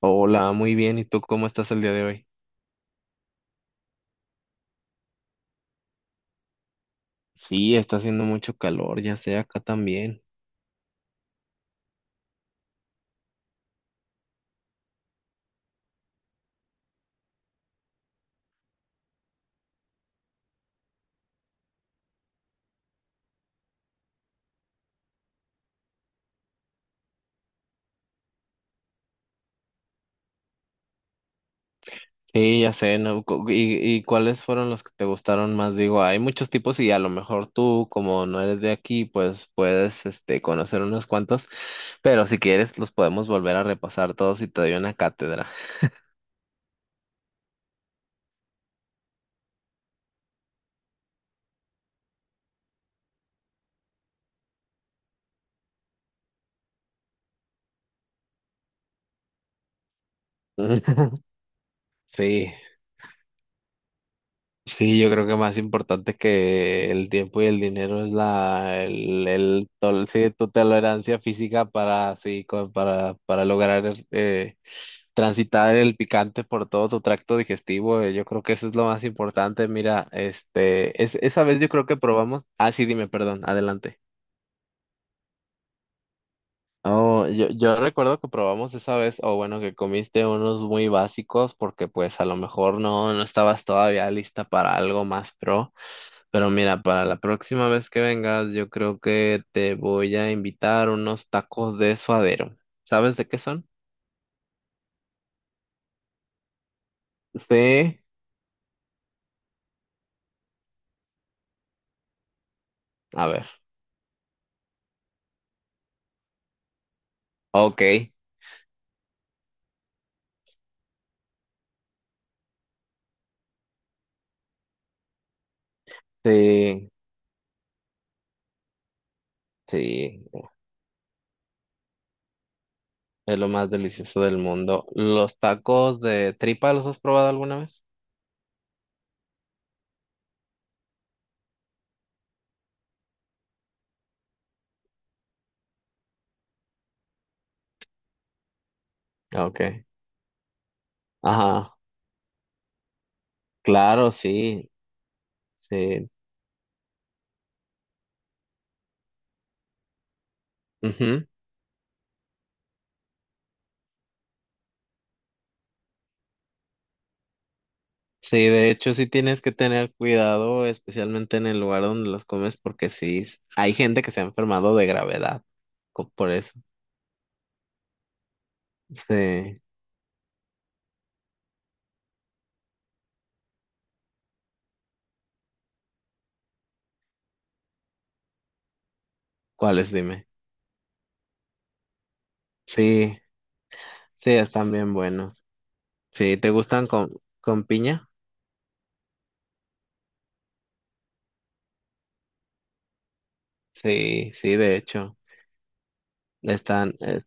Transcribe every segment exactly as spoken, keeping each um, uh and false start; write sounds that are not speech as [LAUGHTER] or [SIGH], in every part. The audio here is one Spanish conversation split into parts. Hola, muy bien. ¿Y tú cómo estás el día de hoy? Sí, está haciendo mucho calor, ya sé, acá también. Sí, ya sé, ¿no? Cu- ¿Y, y cuáles fueron los que te gustaron más? Digo, hay muchos tipos y a lo mejor tú, como no eres de aquí, pues puedes, este, conocer unos cuantos, pero si quieres los podemos volver a repasar todos y te doy una cátedra. [LAUGHS] Sí. Sí, yo creo que más importante que el tiempo y el dinero es la el, el tol- sí, tu tolerancia física para sí co- para para lograr eh, transitar el picante por todo tu tracto digestivo. eh, Yo creo que eso es lo más importante. Mira, este es esa vez yo creo que probamos. Ah, sí, dime, perdón, adelante. Oh, yo, yo recuerdo que probamos esa vez, o bueno, que comiste unos muy básicos porque pues a lo mejor no, no estabas todavía lista para algo más pro. Pero mira, para la próxima vez que vengas, yo creo que te voy a invitar unos tacos de suadero. ¿Sabes de qué son? Sí. A ver. Ok. Sí, sí. Es lo más delicioso del mundo. ¿Los tacos de tripa los has probado alguna vez? Ok. Ajá. Claro, sí. Sí. Ujú. Sí, de hecho sí tienes que tener cuidado, especialmente en el lugar donde los comes, porque sí, s- hay gente que se ha enfermado de gravedad co- por eso. Sí. ¿Cuáles? Dime. Sí, sí, están bien buenos. Sí, ¿te gustan con, con piña? Sí, sí, de hecho. Están, eh,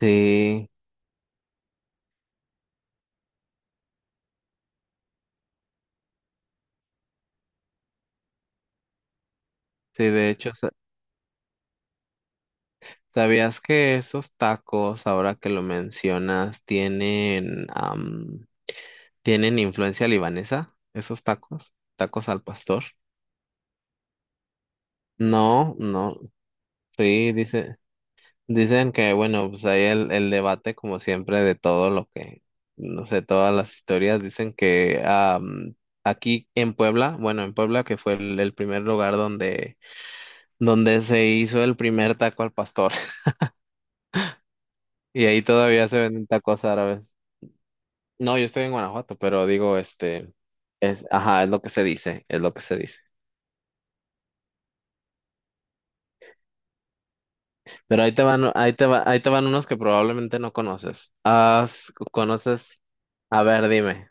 sí, sí, de hecho. sa- ¿Sabías que esos tacos, ahora que lo mencionas, tienen, am, tienen influencia libanesa? ¿Esos tacos? ¿Tacos al pastor? No, no, sí, dice. Dicen que, bueno, pues ahí el, el debate, como siempre, de todo lo que, no sé, todas las historias, dicen que am, aquí en Puebla, bueno, en Puebla, que fue el, el primer lugar donde, donde se hizo el primer taco al pastor, [LAUGHS] y ahí todavía se venden tacos árabes. No, yo estoy en Guanajuato, pero digo, este, es, ajá, es lo que se dice, es lo que se dice. Pero ahí te van, ahí te va, ahí te van unos que probablemente no conoces. Ah, ¿conoces? A ver, dime,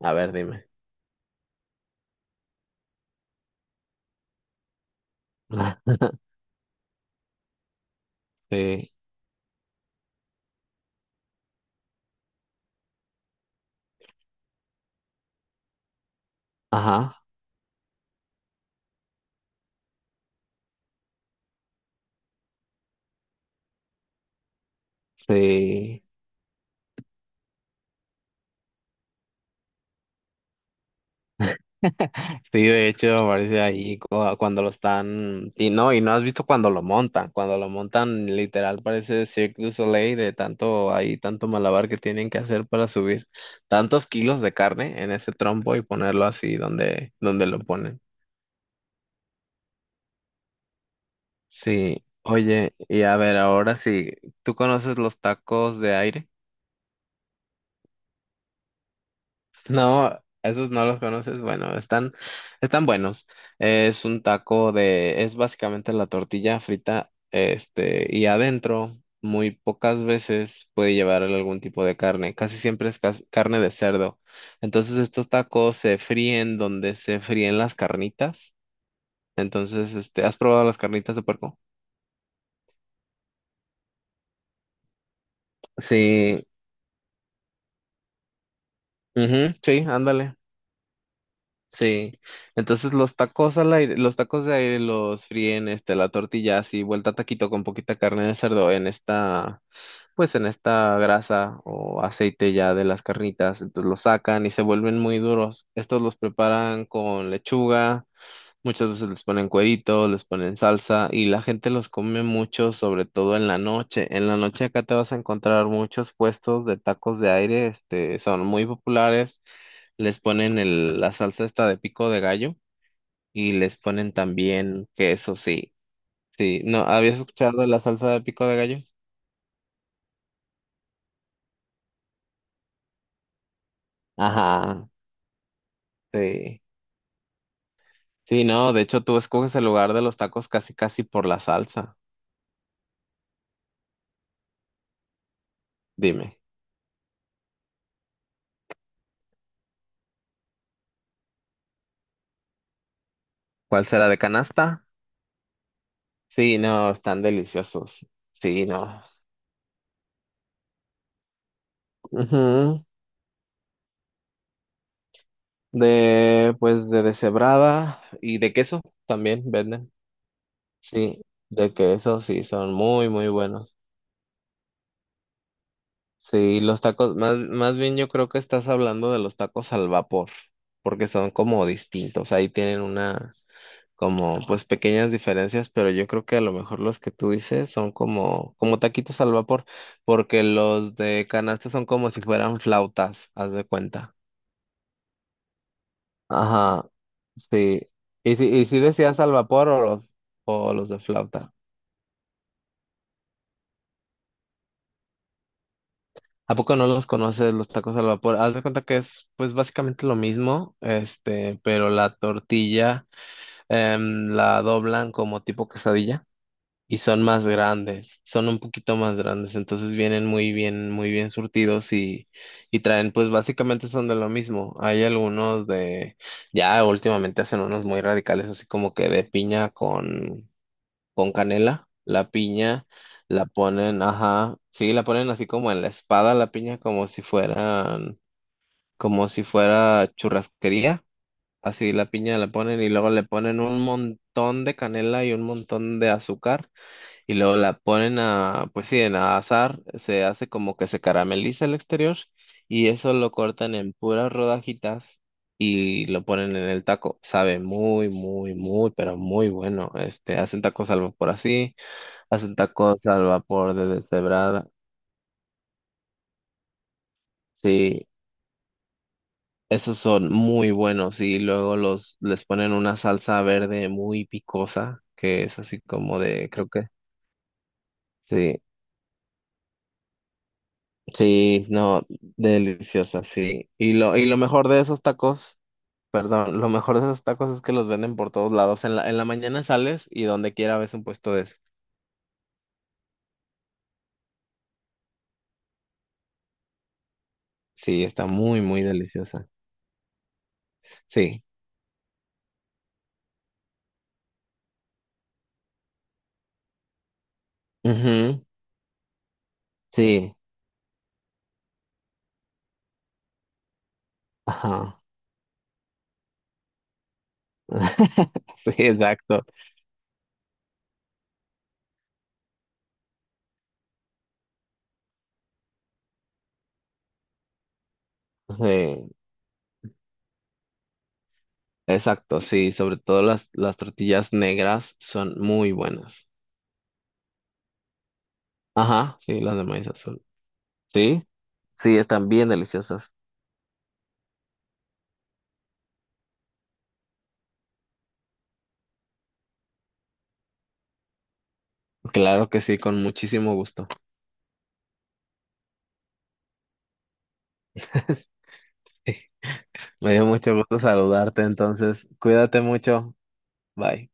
a ver, dime. [LAUGHS] Sí. Ajá, sí. [LAUGHS] Sí, de hecho, aparece ahí cu- cuando lo están. Y no, y no has visto cuando lo montan. Cuando lo montan, literal, parece Cirque du Soleil de tanto ahí, tanto malabar que tienen que hacer para subir tantos kilos de carne en ese trompo y ponerlo así donde, donde lo ponen. Sí, oye, y a ver, ahora sí, ¿tú conoces los tacos de aire? No, esos no los conoces. Bueno, están, están buenos. Es un taco de, es básicamente la tortilla frita, este, y adentro muy pocas veces puede llevar algún tipo de carne. Casi siempre es cas- carne de cerdo. Entonces estos tacos se fríen donde se fríen las carnitas. Entonces, este, ¿has probado las carnitas de puerco? Sí, ujú, sí, ándale. Sí, entonces los tacos al aire, los tacos de aire los fríen, este, la tortilla así, vuelta a taquito con poquita carne de cerdo en esta, pues en esta grasa o aceite ya de las carnitas, entonces los sacan y se vuelven muy duros. Estos los preparan con lechuga, muchas veces les ponen cuerito, les ponen salsa y la gente los come mucho, sobre todo en la noche. En la noche acá te vas a encontrar muchos puestos de tacos de aire, este, son muy populares, les ponen el, la salsa esta de pico de gallo y les ponen también queso, sí. Sí, ¿no habías escuchado de la salsa de pico de gallo? Ajá, sí. Sí, no, de hecho tú escoges el lugar de los tacos casi casi por la salsa. Dime, ¿cuál será de canasta? Sí, no, están deliciosos. Sí, no. Ujú. De, pues, de deshebrada y de queso también venden. Sí, de queso sí, son muy, muy buenos. Sí, los tacos, más, más bien yo creo que estás hablando de los tacos al vapor, porque son como distintos, ahí tienen una, como pues pequeñas diferencias, pero yo creo que a lo mejor los que tú dices son como, como taquitos al vapor, porque los de canasta son como si fueran flautas, haz de cuenta. Ajá, sí. ¿Y si, y si decías al vapor o los, o los de flauta? ¿A poco no los conoces los tacos al vapor? Haz de cuenta que es pues básicamente lo mismo, este, pero la tortilla em, la doblan como tipo quesadilla y son más grandes, son un poquito más grandes, entonces vienen muy bien, muy bien surtidos y, y traen pues básicamente son de lo mismo. Hay algunos de, ya últimamente hacen unos muy radicales así como que de piña con con canela, la piña, la ponen, ajá, sí, la ponen así como en la espada, la piña, como si fueran, como si fuera churrasquería, así la piña la ponen y luego le ponen un montón de canela y un montón de azúcar y luego la ponen a, pues sí, en a asar, se hace como que se carameliza el exterior y eso lo cortan en puras rodajitas. Y lo ponen en el taco. Sabe muy, muy, muy, pero muy bueno. Este, hacen tacos al vapor así. Hacen tacos al vapor de deshebrada. Sí, esos son muy buenos y luego los les ponen una salsa verde muy picosa, que es así como de, creo que sí, sí, no, deliciosa, sí. Y lo y lo mejor de esos tacos, perdón, lo mejor de esos tacos es que los venden por todos lados. En la en la mañana sales y donde quiera ves un puesto de eso. Sí, está muy muy deliciosa. Sí. Ujú, Sí. Ajá. [LAUGHS] Sí, exacto. Sí. Exacto, sí, sobre todo las, las tortillas negras son muy buenas. Ajá, sí, las de maíz azul. Sí, sí, están bien deliciosas. Claro que sí, con muchísimo gusto. [LAUGHS] Sí, me dio mucho gusto saludarte, entonces, cuídate mucho. Bye.